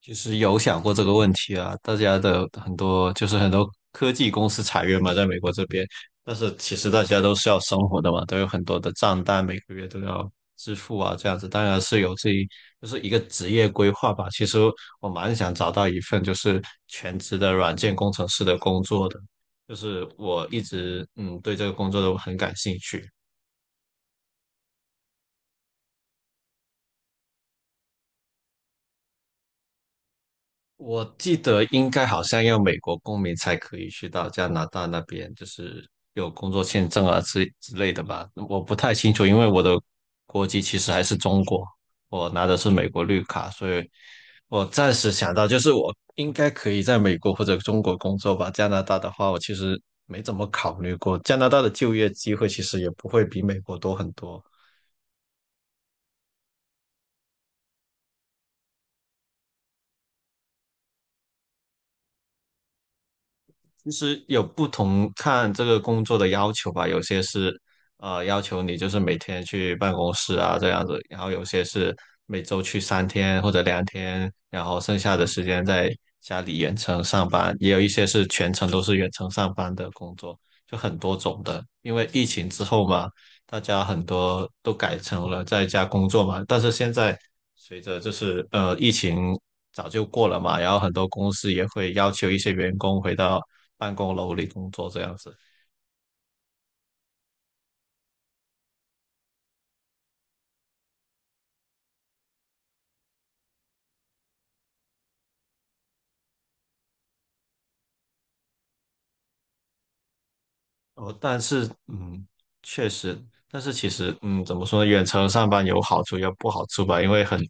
其实有想过这个问题啊，大家的很多就是很多科技公司裁员嘛，在美国这边。但是其实大家都是要生活的嘛，都有很多的账单，每个月都要支付啊，这样子当然是有自己就是一个职业规划吧。其实我蛮想找到一份就是全职的软件工程师的工作的，就是我一直对这个工作都很感兴趣。我记得应该好像要美国公民才可以去到加拿大那边，就是有工作签证啊之类的吧。我不太清楚，因为我的国籍其实还是中国，我拿的是美国绿卡，所以我暂时想到就是我应该可以在美国或者中国工作吧。加拿大的话，我其实没怎么考虑过，加拿大的就业机会其实也不会比美国多很多。其实有不同看这个工作的要求吧，有些是要求你就是每天去办公室啊这样子，然后有些是每周去3天或者2天，然后剩下的时间在家里远程上班，也有一些是全程都是远程上班的工作，就很多种的。因为疫情之后嘛，大家很多都改成了在家工作嘛，但是现在随着就是疫情早就过了嘛，然后很多公司也会要求一些员工回到办公楼里工作这样子。哦，但是确实。但是其实怎么说呢？远程上班有好处也有不好处吧，因为很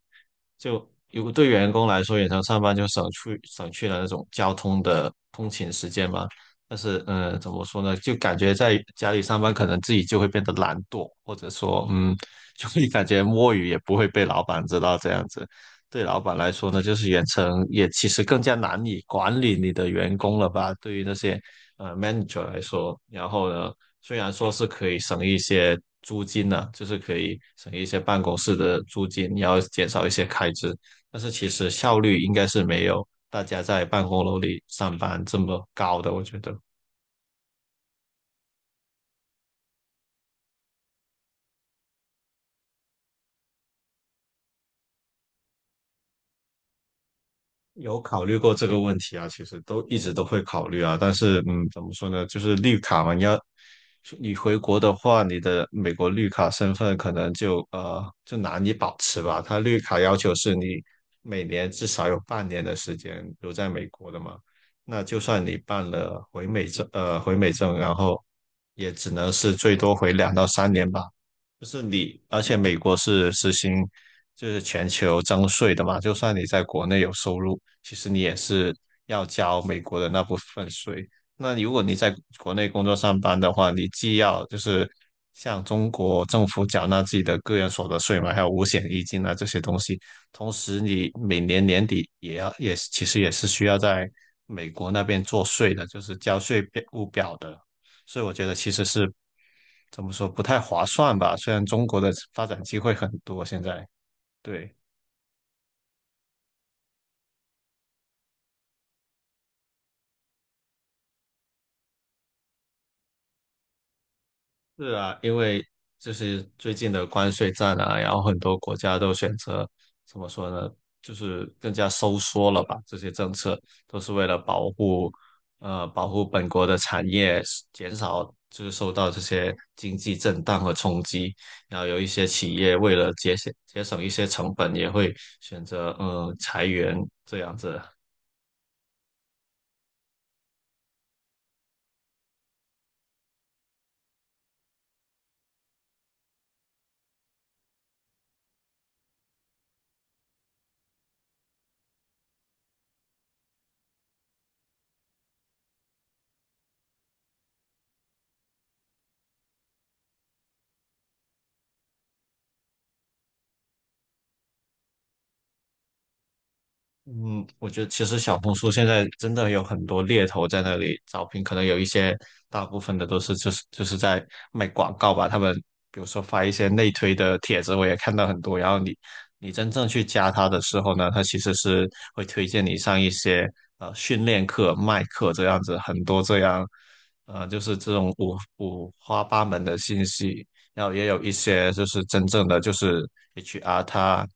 就如果对员工来说，远程上班就省去了那种交通的通勤时间嘛。但是怎么说呢？就感觉在家里上班，可能自己就会变得懒惰，或者说就会感觉摸鱼也不会被老板知道这样子。对老板来说呢，就是远程也其实更加难以管理你的员工了吧？对于那些manager 来说，然后呢，虽然说是可以省一些租金呢、就是可以省一些办公室的租金，然后减少一些开支，但是其实效率应该是没有大家在办公楼里上班这么高的，我觉得。有考虑过这个问题啊，其实都一直都会考虑啊，但是怎么说呢，就是绿卡嘛，你回国的话，你的美国绿卡身份可能就难以保持吧。它绿卡要求是你每年至少有半年的时间留在美国的嘛，那就算你办了回美证，然后也只能是最多回2到3年吧。就是你，而且美国是实行就是全球征税的嘛，就算你在国内有收入，其实你也是要交美国的那部分税。那如果你在国内工作上班的话，你既要就是向中国政府缴纳自己的个人所得税嘛，还有五险一金啊这些东西，同时你每年年底也要也其实也是需要在美国那边做税的，就是交务表的。所以我觉得其实是怎么说不太划算吧？虽然中国的发展机会很多，现在，对。是啊，因为就是最近的关税战啊，然后很多国家都选择怎么说呢，就是更加收缩了吧？这些政策都是为了保护本国的产业，减少就是受到这些经济震荡和冲击。然后有一些企业为了节省一些成本，也会选择裁员这样子。嗯，我觉得其实小红书现在真的有很多猎头在那里招聘，可能有一些大部分的都是就是在卖广告吧。他们比如说发一些内推的帖子，我也看到很多。然后你真正去加他的时候呢，他其实是会推荐你上一些训练课、卖课这样子，很多这样就是这种五花八门的信息。然后也有一些就是真正的就是 HR，他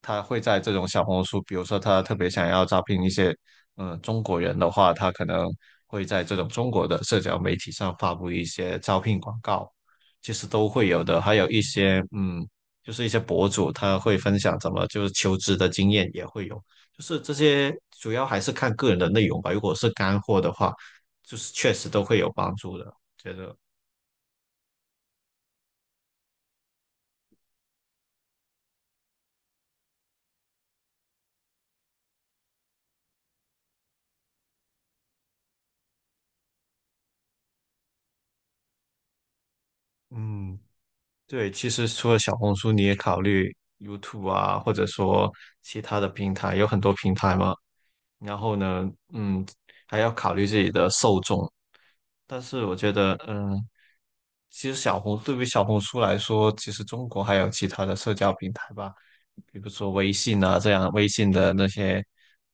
他会在这种小红书，比如说他特别想要招聘一些中国人的话，他可能会在这种中国的社交媒体上发布一些招聘广告，其实都会有的。还有一些就是一些博主他会分享怎么就是求职的经验也会有，就是这些主要还是看个人的内容吧。如果是干货的话，就是确实都会有帮助的，觉得嗯。对，其实除了小红书，你也考虑 YouTube 啊，或者说其他的平台，有很多平台嘛。然后呢，嗯，还要考虑自己的受众。但是我觉得，其实对于小红书来说，其实中国还有其他的社交平台吧，比如说微信啊，这样微信的那些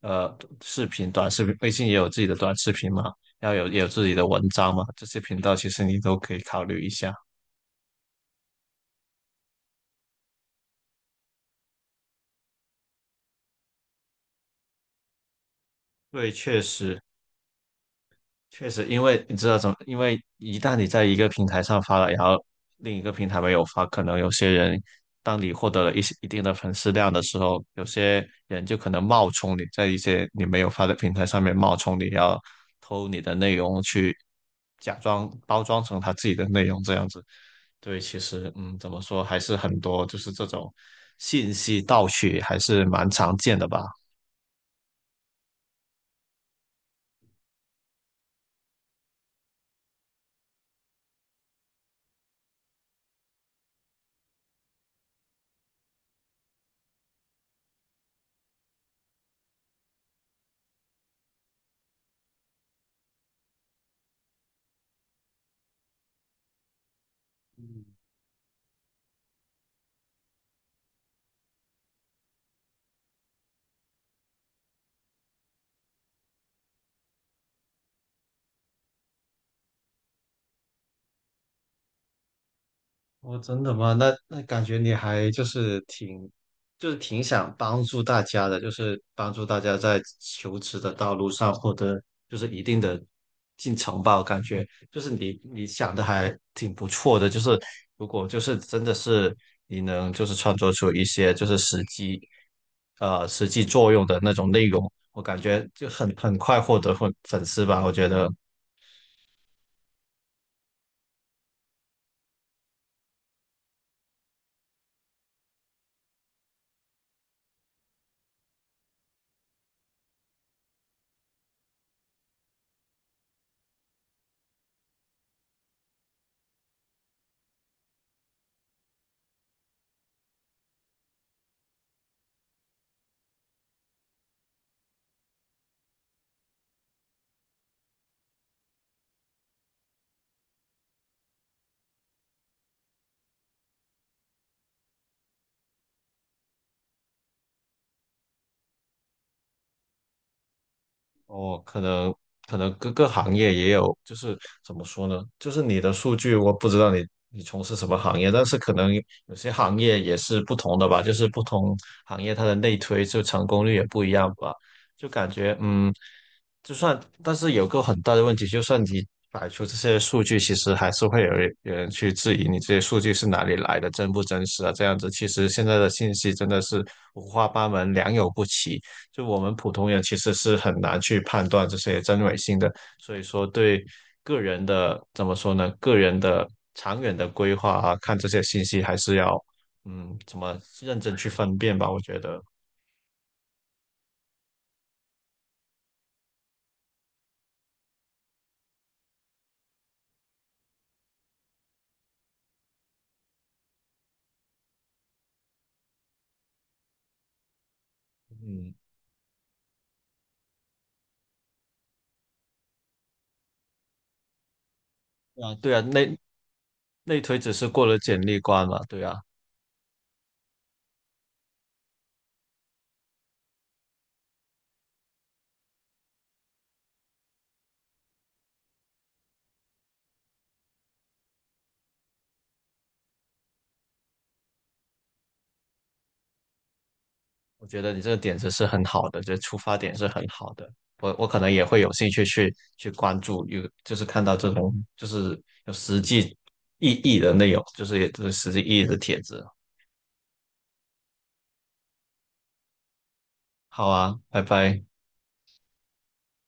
呃视频、短视频，微信也有自己的短视频嘛，然后也有自己的文章嘛，这些频道其实你都可以考虑一下。对，确实。确实，因为你知道怎么，因为一旦你在一个平台上发了，然后另一个平台没有发，可能有些人，当你获得了一定的粉丝量的时候，有些人就可能冒充你，在一些你没有发的平台上面冒充你，然后偷你的内容去假装包装成他自己的内容这样子。对，其实怎么说还是很多，就是这种信息盗取还是蛮常见的吧。哦，真的吗？那感觉你还就是挺，就是挺想帮助大家的，就是帮助大家在求职的道路上获得就是一定的进程吧。我感觉就是你想的还挺不错的，就是如果就是真的是你能就是创作出一些就是实际作用的那种内容，我感觉就很快获得粉丝吧。我觉得，哦，可能各个行业也有，就是怎么说呢？就是你的数据，我不知道你从事什么行业，但是可能有些行业也是不同的吧，就是不同行业它的内推就成功率也不一样吧，就感觉就算但是有个很大的问题，就算你摆出这些数据，其实还是会有人去质疑你这些数据是哪里来的，真不真实啊？这样子，其实现在的信息真的是五花八门，良莠不齐。就我们普通人其实是很难去判断这些真伪性的，所以说对个人的怎么说呢？个人的长远的规划啊，看这些信息还是要怎么认真去分辨吧？我觉得，嗯，啊，对啊，内推只是过了简历关嘛，对啊。我觉得你这个点子是很好的，这出发点是很好的。我可能也会有兴趣去关注，有就是看到这种就是有实际意义的内容，就是也就是实际意义的帖子。好啊，拜拜。